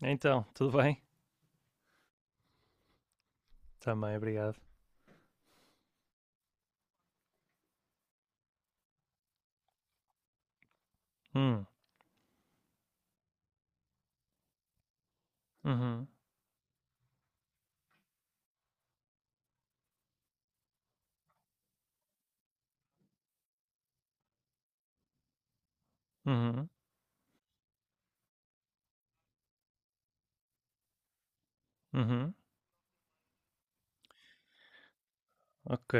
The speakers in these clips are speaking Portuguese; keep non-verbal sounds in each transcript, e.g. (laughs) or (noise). Então, tudo bem? Também, obrigado. Hum, uhum, uhum, uhum, ok.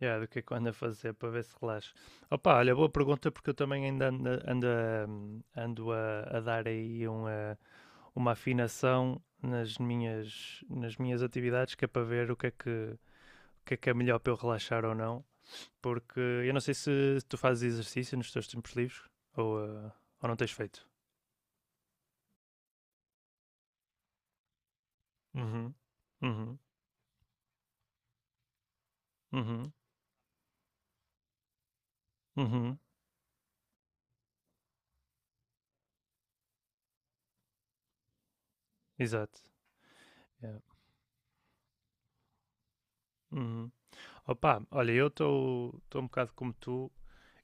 Yeah, do que é que eu ando a fazer para ver se relaxo? Opa, olha, boa pergunta porque eu também ainda ando a dar aí uma afinação nas minhas atividades que é para ver o que é melhor para eu relaxar ou não. Porque eu não sei se tu fazes exercício nos teus tempos livres ou, ou não tens feito. Uhum, uhum, uhum, uhum, exato. Yeah. Uhum. Opa, olha, eu estou um bocado como tu.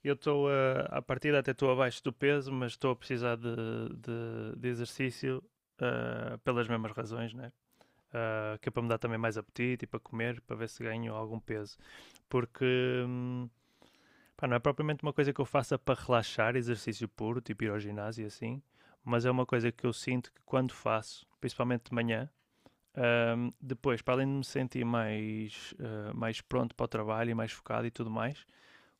Eu estou a, à partida até estou abaixo do peso, mas estou a precisar de exercício pelas mesmas razões, né? Ah, que é para me dar também mais apetite e para comer, para ver se ganho algum peso. Porque hum, pá, não é propriamente uma coisa que eu faça para relaxar, exercício puro, tipo ir ao ginásio e assim, mas é uma coisa que eu sinto que quando faço, principalmente de manhã, depois, para além de me sentir mais, mais pronto para o trabalho e mais focado e tudo mais,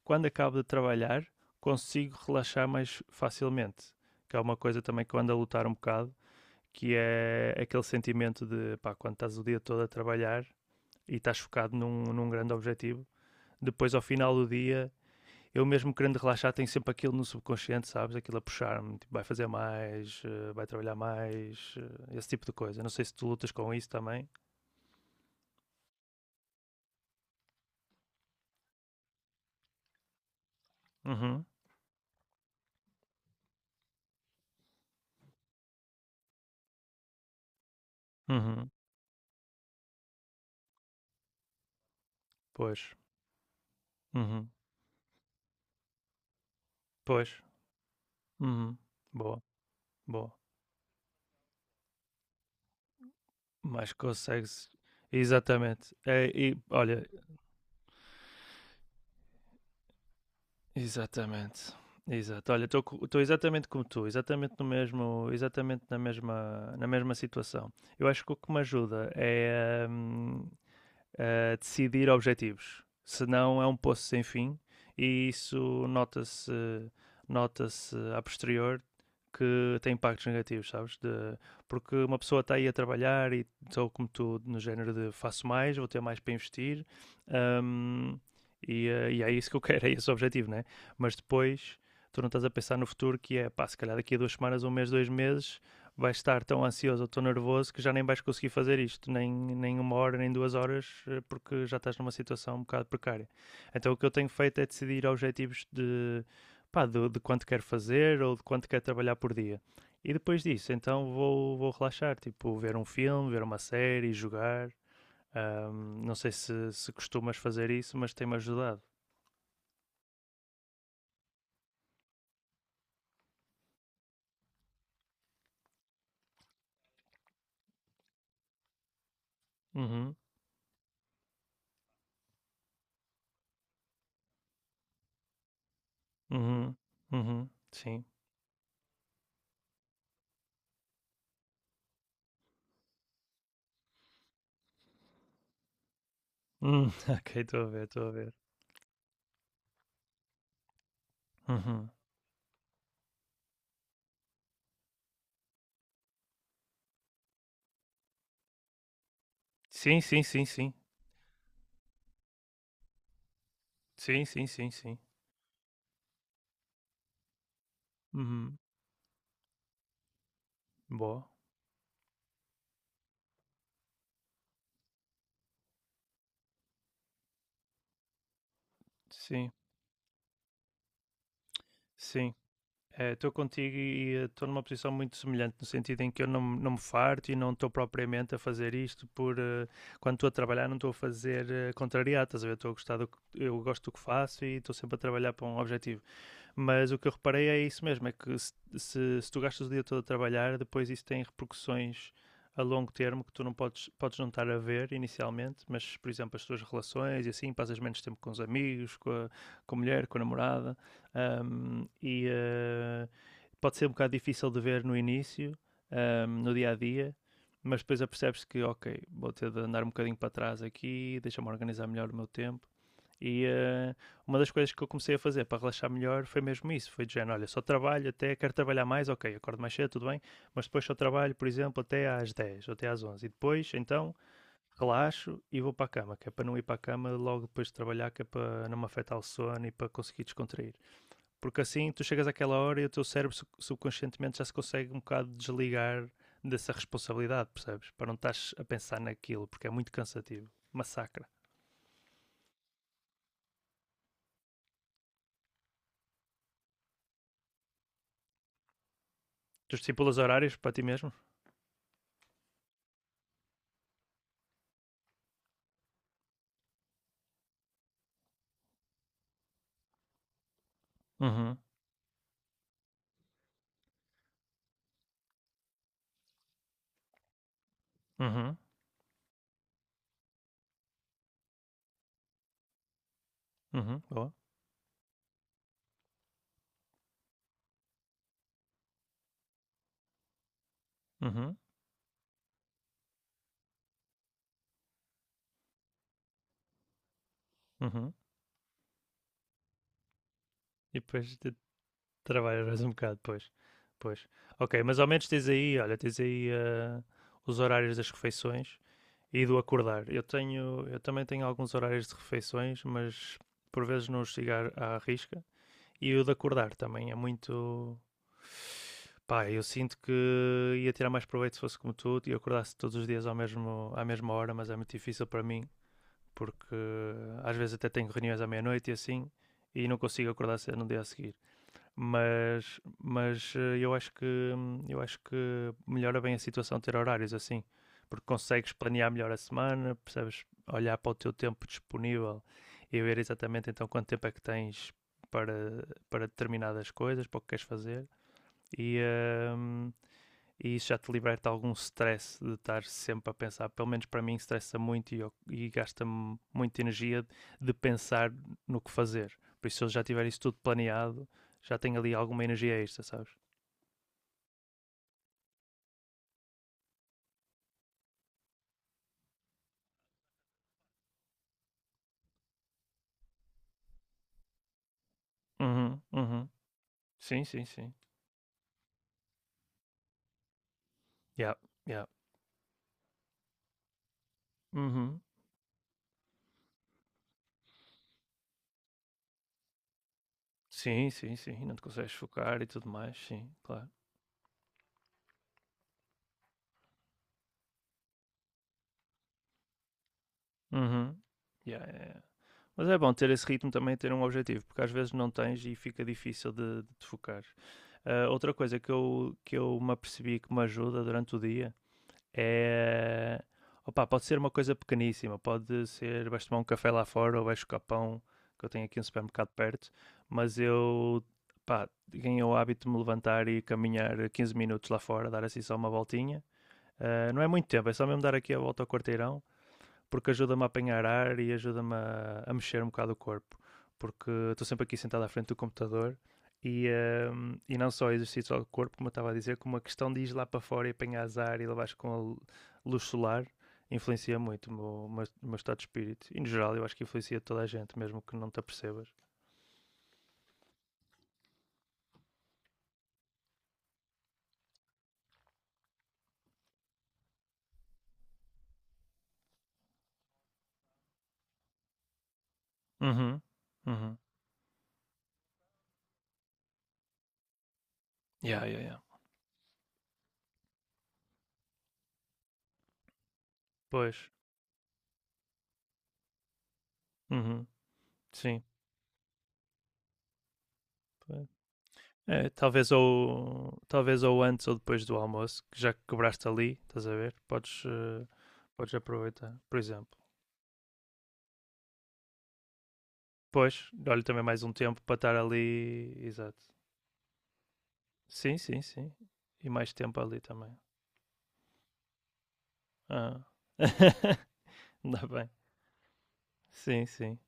quando acabo de trabalhar, consigo relaxar mais facilmente. Que é uma coisa também que eu ando a lutar um bocado, que é aquele sentimento de pá, quando estás o dia todo a trabalhar e estás focado num grande objetivo, depois ao final do dia, eu mesmo querendo relaxar, tenho sempre aquilo no subconsciente, sabes? Aquilo a puxar-me, tipo, vai fazer mais, vai trabalhar mais, esse tipo de coisa. Não sei se tu lutas com isso também. Uhum. Uhum. Pois. Uhum. Pois. Uhum. Boa, boa. Mas consegues. Exatamente. É, e, olha, exatamente. Exato. Olha, estou exatamente como tu, exatamente no mesmo, exatamente na mesma situação. Eu acho que o que me ajuda é a decidir objetivos. Senão é um poço sem fim e isso nota-se a posterior que tem impactos negativos, sabes? De, porque uma pessoa está aí a trabalhar e estou como tu, no género de faço mais, vou ter mais para investir hum, e, e é isso que eu (laughs) quero, é esse o objetivo, né? Mas depois tu não estás a pensar no futuro que é, pá, se calhar daqui a 2 semanas, um mês, 2 meses vais estar tão ansioso ou tão nervoso que já nem vais conseguir fazer isto, nem, nem 1 hora, nem 2 horas, porque já estás numa situação um bocado precária. Então o que eu tenho feito é decidir objetivos de, pá, de quanto quero fazer ou de quanto quero trabalhar por dia. E depois disso, então vou relaxar, tipo, ver um filme, ver uma série, jogar. Não sei se costumas fazer isso, mas tem-me ajudado. Uhum, uhum, uhum, sim. (laughs) Ok, estou a ver, estou a ver. Uhum. Sim, sim, sim, sim. Sim, sim, sim, sim. Uhum. Boa. Sim, sim. Estou contigo e estou numa posição muito semelhante, no sentido em que eu não, não me farto e não estou propriamente a fazer isto por... quando estou a trabalhar não estou a fazer contrariado, estás a ver? Estou a gostar do que... Eu gosto do que faço e estou sempre a trabalhar para um objetivo. Mas o que eu reparei é isso mesmo: é que se tu gastas o dia todo a trabalhar, depois isso tem repercussões a longo termo que tu não podes não estar a ver inicialmente, mas, por exemplo, as tuas relações e assim, passas menos tempo com os amigos, com a mulher, com a namorada, um, e pode ser um bocado difícil de ver no início, um, no dia a dia, mas depois apercebes que, ok, vou ter de andar um bocadinho para trás aqui, deixa-me organizar melhor o meu tempo. E uma das coisas que eu comecei a fazer para relaxar melhor foi mesmo isso. Foi de género, olha, só trabalho até, quero trabalhar mais, ok, acordo mais cedo, tudo bem, mas depois só trabalho, por exemplo, até às 10 ou até às 11. E depois, então, relaxo e vou para a cama, que é para não ir para a cama logo depois de trabalhar, que é para não me afetar o sono e para conseguir descontrair. Porque assim, tu chegas àquela hora e o teu cérebro subconscientemente já se consegue um bocado desligar dessa responsabilidade, percebes? Para não estás a pensar naquilo, porque é muito cansativo. Massacra. Tu estipulas horários para ti mesmo? Uhum. Uhum, uhum, boa. Uhum, uhum. E depois trabalhas mais um bocado, pois. Pois. Ok, mas ao menos tens aí, olha, tens aí os horários das refeições e do acordar. Eu tenho, eu também tenho alguns horários de refeições, mas por vezes não os sigo à risca. E o de acordar também é muito. Pá, eu sinto que ia tirar mais proveito se fosse como tu e eu acordasse todos os dias ao mesmo, à mesma hora, mas é muito difícil para mim porque às vezes até tenho reuniões à meia-noite e assim, e não consigo acordar cedo no dia a seguir. Mas eu acho que melhora bem a situação ter horários assim, porque consegues planear melhor a semana, percebes, olhar para o teu tempo disponível e ver exatamente então quanto tempo é que tens para, para determinadas coisas, para o que queres fazer. E, ehm, e isso já te liberta algum stress de estar sempre a pensar. Pelo menos para mim, estressa muito e gasta-me muita energia de pensar no que fazer. Por isso, se eu já tiver isso tudo planeado, já tenho ali alguma energia extra, sabes? Uhum, uhum. Sim, sim, sim. Yeah, yeah. Uhum. Sim, sim, sim. Não te consegues focar e tudo mais, sim, claro. Uhum. Yeah, yeah, yeah. Mas é bom ter esse ritmo também, ter um objetivo, porque às vezes não tens e fica difícil de te focar. Ah, outra coisa que eu me apercebi que me ajuda durante o dia é. Opa, pode ser uma coisa pequeníssima, pode ser vais tomar um café lá fora ou vais buscar pão, que eu tenho aqui um supermercado perto, mas eu pá, ganhei o hábito de me levantar e caminhar 15 minutos lá fora, dar assim só uma voltinha. Ah, não é muito tempo, é só mesmo dar aqui a volta ao quarteirão porque ajuda-me a apanhar ar e ajuda-me a mexer um bocado o corpo. Porque estou sempre aqui sentado à frente do computador e, e não só exercício ao corpo, como eu estava a dizer, como a questão de ir lá para fora e apanhar ar e levares com a luz solar influencia muito o meu, o meu estado de espírito. E no geral eu acho que influencia toda a gente, mesmo que não te apercebas. Uhum. Uhum. Yeah, yeah, yeah. Pois. Uhum. Sim. É, talvez ou talvez ou antes ou depois do almoço, que já que quebraste ali, estás a ver? Podes, podes aproveitar, por exemplo. Pois, olha também mais um tempo para estar ali, exato. Sim, sim, sim. E mais tempo ali também. Ah. (laughs) Ainda bem. Sim, sim.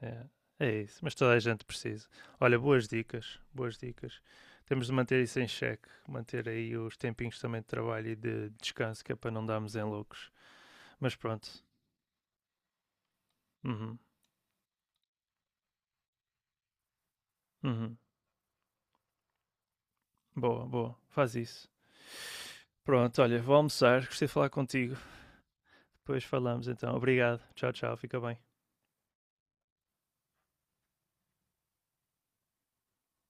É. É isso, mas toda a gente precisa. Olha, boas dicas, boas dicas. Temos de manter isso em xeque, manter aí os tempinhos também de trabalho e de descanso, que é para não darmos em loucos. Mas pronto. Uhum. Uhum. Boa, boa. Faz isso. Pronto, olha, vou almoçar. Gostei de falar contigo. Depois falamos então. Obrigado. Tchau, tchau. Fica bem.